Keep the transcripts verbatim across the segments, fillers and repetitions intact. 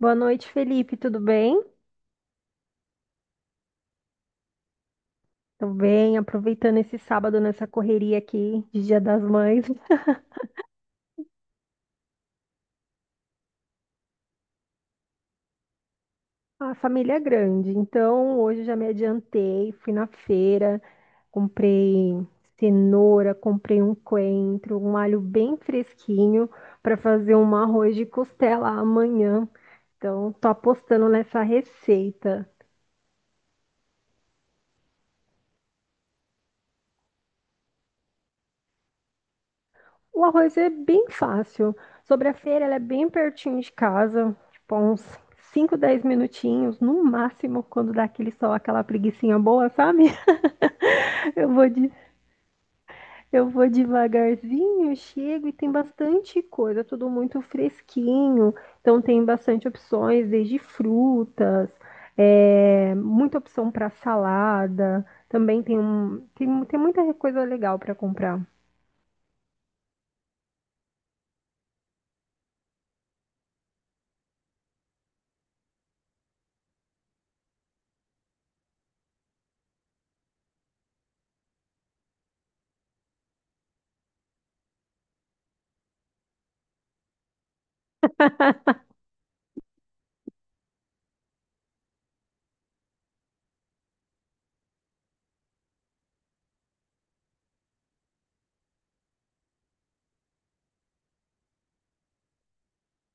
Boa noite, Felipe. Tudo bem? Tudo bem, aproveitando esse sábado nessa correria aqui de Dia das Mães. A família é grande, então hoje eu já me adiantei, fui na feira, comprei cenoura, comprei um coentro, um alho bem fresquinho para fazer um arroz de costela amanhã. Então, tô apostando nessa receita. O arroz é bem fácil. Sobre a feira, ela é bem pertinho de casa, tipo uns cinco, dez minutinhos, no máximo, quando dá aquele sol, aquela preguicinha boa, sabe? Eu vou de, eu vou devagarzinho, chego e tem bastante coisa, tudo muito fresquinho. Então tem bastante opções, desde frutas, é, muita opção para salada. Também tem, um, tem, tem muita coisa legal para comprar.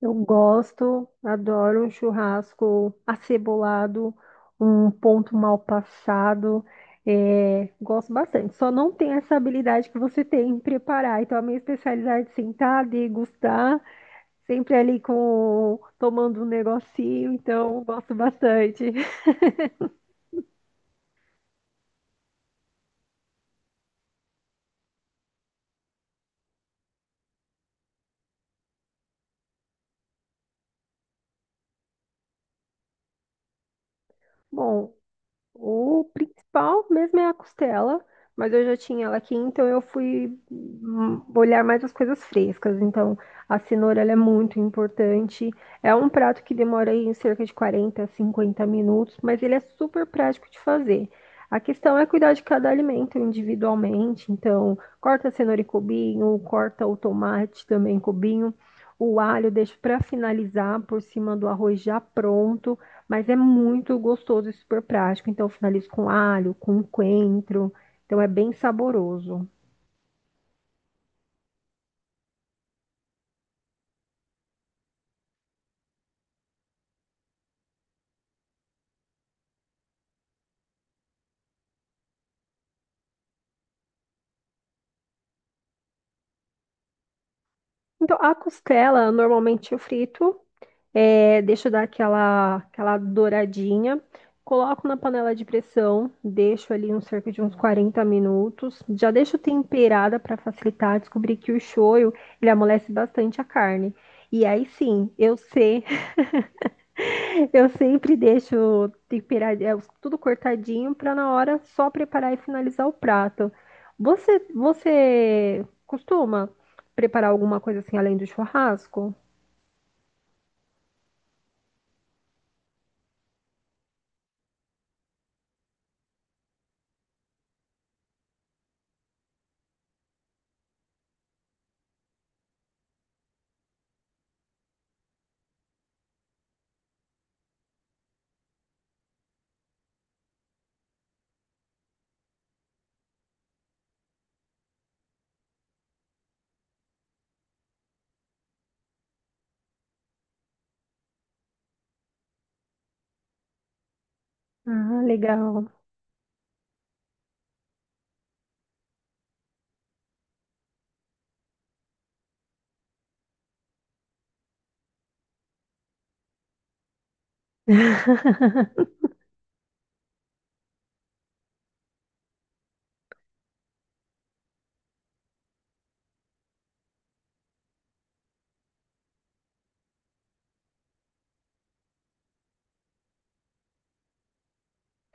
Eu gosto, adoro um churrasco acebolado, um ponto mal passado. É, gosto bastante. Só não tenho essa habilidade que você tem em preparar. Então, a minha especialidade é sentar, degustar, sempre ali com tomando um negocinho. Então, gosto bastante. Bom, o principal mesmo é a costela, mas eu já tinha ela aqui, então eu fui hum, olhar mais as coisas frescas. Então, a cenoura ela é muito importante. É um prato que demora aí cerca de quarenta, cinquenta minutos, mas ele é super prático de fazer. A questão é cuidar de cada alimento individualmente. Então, corta a cenoura em cubinho, corta o tomate também em cubinho. O alho deixo para finalizar por cima do arroz já pronto. Mas é muito gostoso e super prático. Então, eu finalizo com alho, com coentro. Então, é bem saboroso. Então, a costela, normalmente eu frito, é, deixo dar aquela, aquela douradinha, coloco na panela de pressão, deixo ali uns cerca de uns quarenta minutos, já deixo temperada para facilitar. Descobri que o shoyu, ele amolece bastante a carne. E aí sim, eu sei Eu sempre deixo temperar, é, os- tudo cortadinho para na hora só preparar e finalizar o prato. Você, você costuma preparar alguma coisa assim além do churrasco? Ah, legal.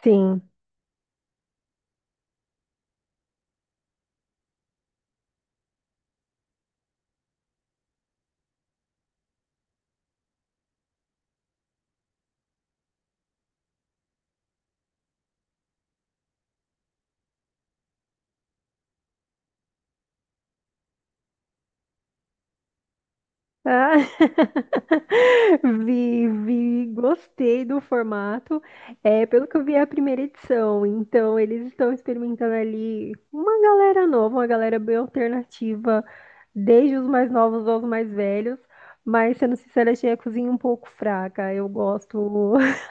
Sim. Ah, vi, vi, gostei do formato. É, pelo que eu vi, é a primeira edição. Então, eles estão experimentando ali uma galera nova, uma galera bem alternativa, desde os mais novos aos mais velhos. Mas, sendo sincera, achei a cozinha um pouco fraca. Eu gosto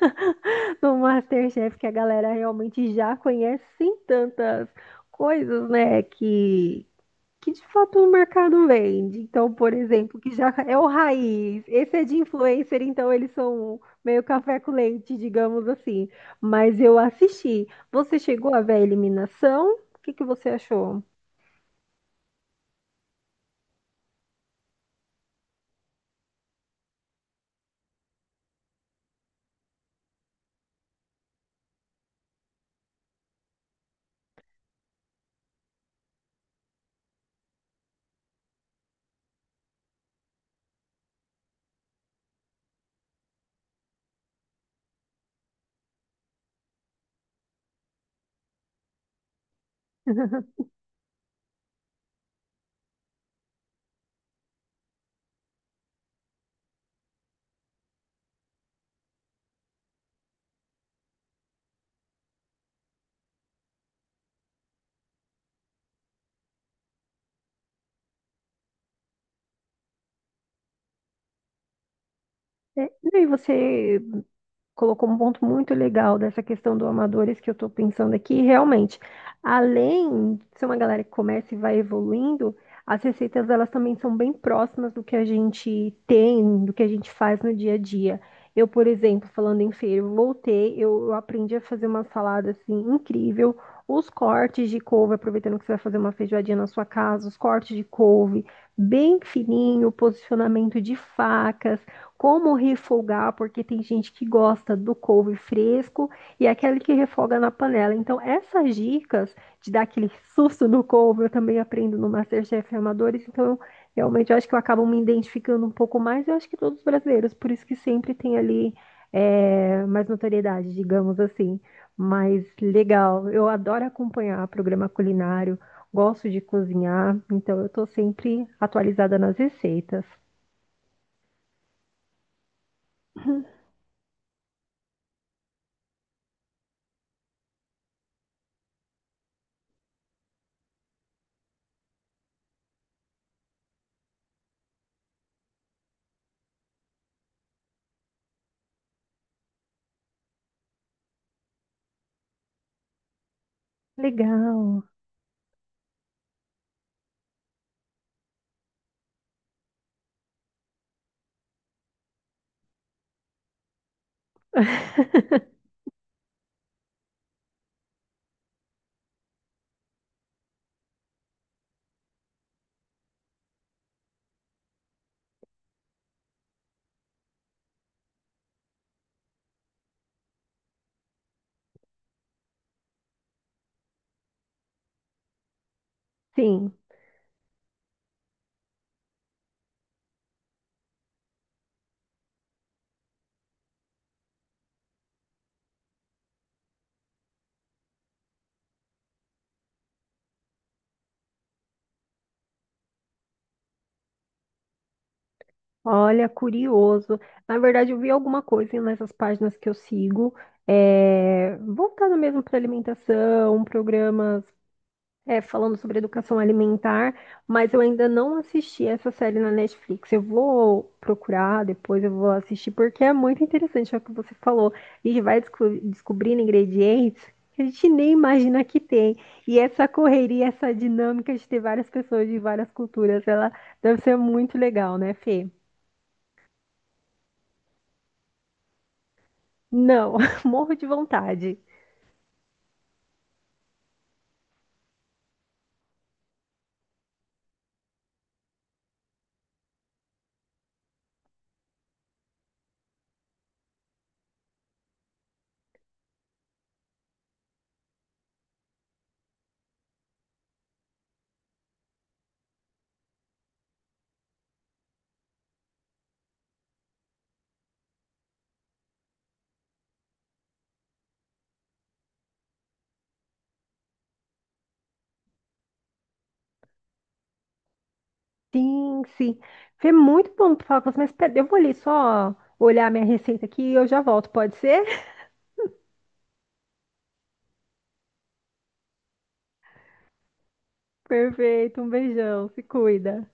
do MasterChef, que a galera realmente já conhece sem tantas coisas, né, que de fato o mercado vende. Então, por exemplo, que já é o raiz. Esse é de influencer, então eles são meio café com leite, digamos assim. Mas eu assisti. Você chegou a ver a eliminação? O que que você achou? É, e aí você colocou um ponto muito legal dessa questão do amadores que eu estou pensando aqui. E, realmente, além de ser uma galera que começa e vai evoluindo, as receitas elas também são bem próximas do que a gente tem, do que a gente faz no dia a dia. Eu, por exemplo, falando em feira, eu voltei, eu, eu aprendi a fazer uma salada assim incrível. Os cortes de couve, aproveitando que você vai fazer uma feijoadinha na sua casa, os cortes de couve bem fininho, posicionamento de faca, como refogar, porque tem gente que gosta do couve fresco e aquele que refoga na panela. Então, essas dicas de dar aquele susto no couve, eu também aprendo no MasterChef Amadores. Então, eu, realmente, eu acho que eu acabo me identificando um pouco mais. Eu acho que todos os brasileiros, por isso que sempre tem ali é, mais notoriedade, digamos assim. Mas legal, eu adoro acompanhar programa culinário, gosto de cozinhar, então eu estou sempre atualizada nas receitas. Legal. Sim, olha, curioso. Na verdade, eu vi alguma coisa nessas páginas que eu sigo, é, voltando mesmo para alimentação, programas, é, falando sobre educação alimentar, mas eu ainda não assisti essa série na Netflix. Eu vou procurar, depois eu vou assistir, porque é muito interessante é o que você falou. A gente vai desco- descobrindo ingredientes que a gente nem imagina que tem. E essa correria, essa dinâmica de ter várias pessoas de várias culturas, ela deve ser muito legal, né, Fê? Não, morro de vontade. Sim, sim. Foi muito bom tu falar com você, mas pera, eu vou ali só olhar minha receita aqui e eu já volto, pode ser? Perfeito, um beijão, se cuida.